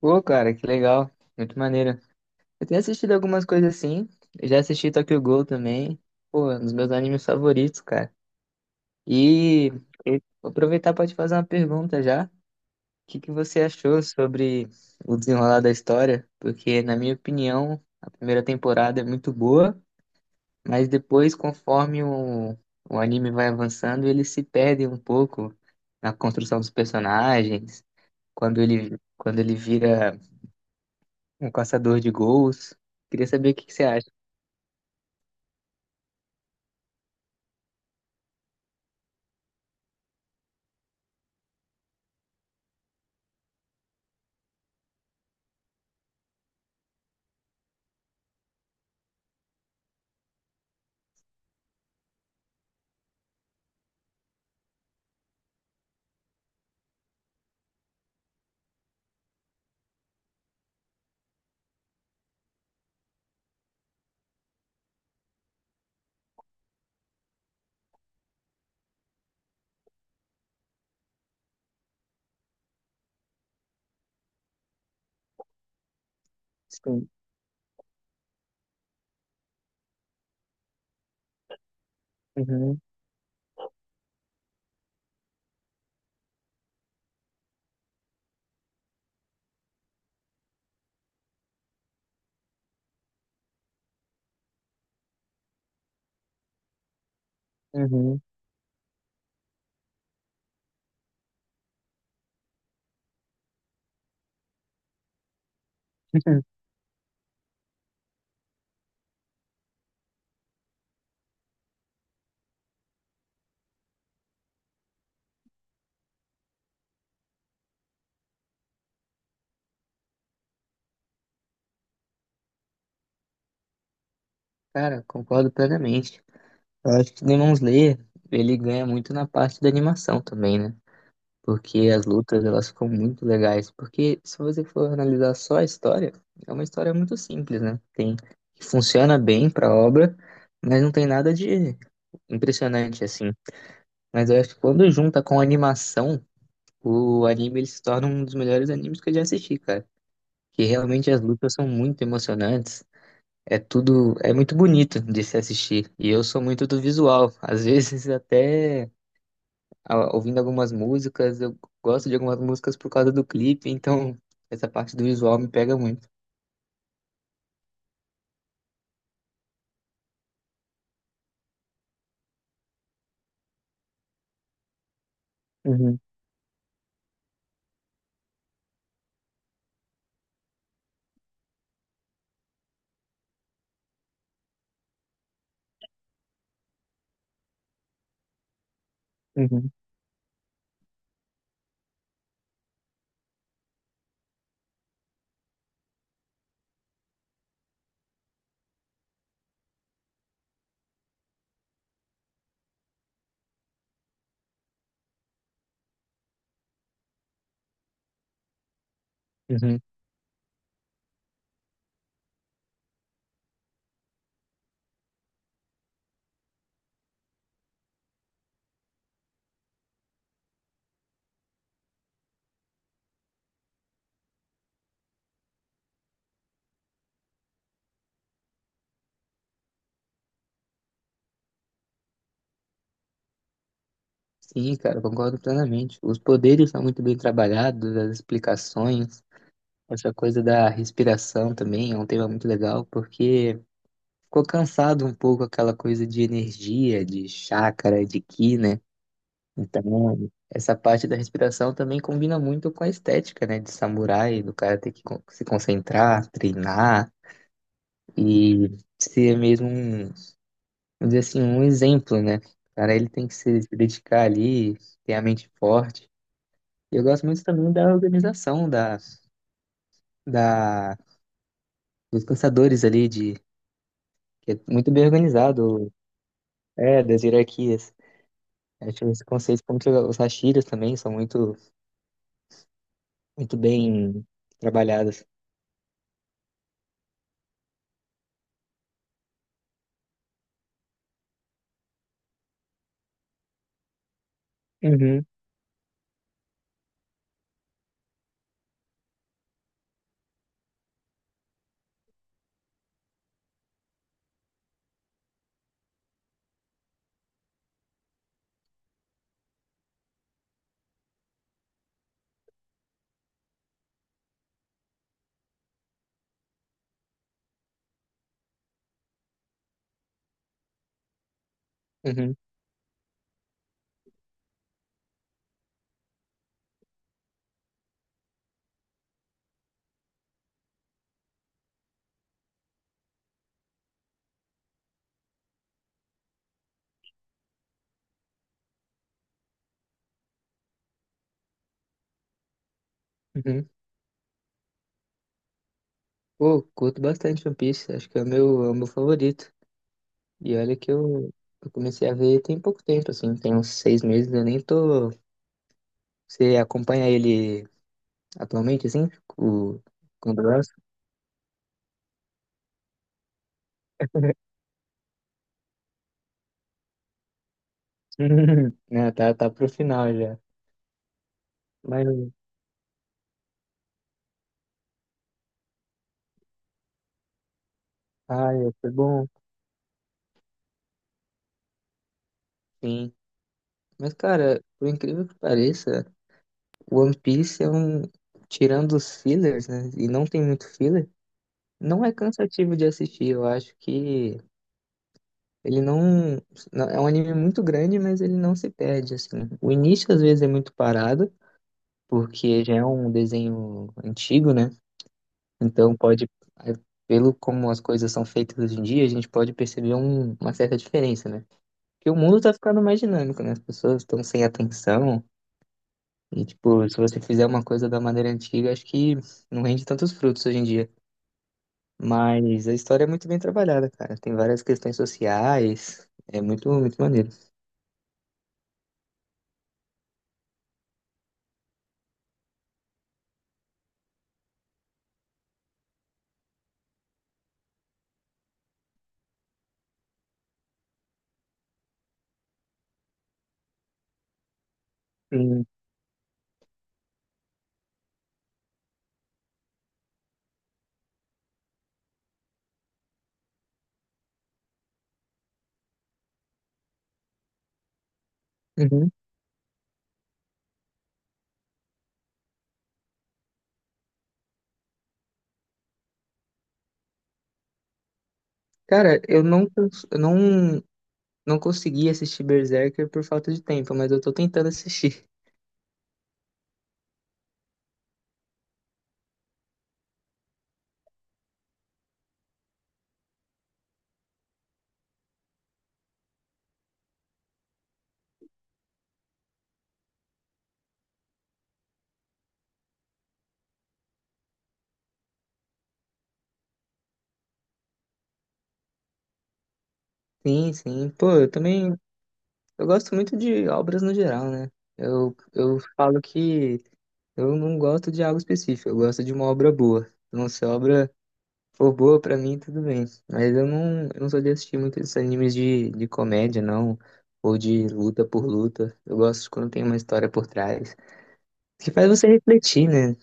Pô, cara, que legal. Muito maneiro. Eu tenho assistido algumas coisas assim. Eu já assisti Tokyo Ghoul também. Pô, um dos meus animes favoritos, cara. E eu vou aproveitar para te fazer uma pergunta já. O que que você achou sobre o desenrolar da história? Porque, na minha opinião, a primeira temporada é muito boa, mas depois, conforme o anime vai avançando, ele se perde um pouco na construção dos personagens. Quando ele vira um caçador de gols. Queria saber o que que você acha. Sim. Uhum, uhum. Cara, concordo plenamente. Eu acho que o Demon Slayer, ele ganha muito na parte da animação também, né? Porque as lutas, elas ficam muito legais. Porque se você for analisar só a história, é uma história muito simples, né? Que funciona bem pra obra, mas não tem nada de impressionante, assim. Mas eu acho que quando junta com a animação, o anime ele se torna um dos melhores animes que eu já assisti, cara. Que realmente as lutas são muito emocionantes. É tudo, é muito bonito de se assistir. E eu sou muito do visual. Às vezes até ah, ouvindo algumas músicas, eu gosto de algumas músicas por causa do clipe, então essa parte do visual me pega muito. Uhum, uhum, uhum. Sim, cara, concordo plenamente. Os poderes são muito bem trabalhados, as explicações, essa coisa da respiração também é um tema muito legal, porque ficou cansado um pouco aquela coisa de energia, de chácara, de ki, né? Então, essa parte da respiração também combina muito com a estética, né, de samurai, do cara ter que se concentrar, treinar e ser mesmo um, vamos dizer assim, um exemplo, né? O cara, ele tem que se dedicar ali, ter a mente forte. E eu gosto muito também da organização da dos caçadores ali de que é muito bem organizado, é, das hierarquias. Acho que esse conceito como que os hashiras também são muito muito bem trabalhados. Uhum. Uhum. Uhum. Pô, curto bastante One Piece, acho que é o meu favorito. E olha que eu comecei a ver tem pouco tempo, assim, tem uns 6 meses, eu nem tô. Você acompanha ele atualmente, assim? O... Quando lança? Né, tá, tá pro final já. Mas, ai, foi bom, sim. Mas, cara, por incrível que pareça, o One Piece é um. Tirando os fillers, né? E não tem muito filler, não é cansativo de assistir, eu acho que. Ele não, não- É um anime muito grande, mas ele não se perde assim. O início às vezes é muito parado, porque já é um desenho antigo, né? Então pode, é, pelo como as coisas são feitas hoje em dia, a gente pode perceber uma certa diferença, né? Porque o mundo tá ficando mais dinâmico, né? As pessoas estão sem atenção e tipo, se você fizer uma coisa da maneira antiga, acho que não rende tantos frutos hoje em dia. Mas a história é muito bem trabalhada, cara. Tem várias questões sociais, é muito, muito maneiro. Sim. Uhum. Cara, eu não, cons- eu não, não consegui assistir Berserker por falta de tempo, mas eu tô tentando assistir. Sim, sim. Pô, eu também. Eu gosto muito de obras no geral, né? Eu falo que eu não gosto de algo específico, eu gosto de uma obra boa. Então, se a obra for boa pra mim, tudo bem. Mas eu não sou de assistir muitos esses animes de comédia, não. Ou de luta por luta. Eu gosto quando tem uma história por trás. Que faz você refletir, né?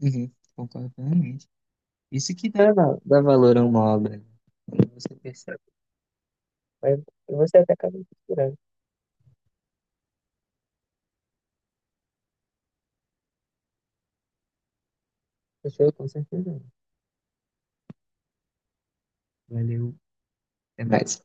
Uhum, concordo plenamente. Isso que dá, dá valor a uma obra, né? Quando você percebe. Você até acaba inspirando. Pessoa, com certeza. Valeu. Até mais.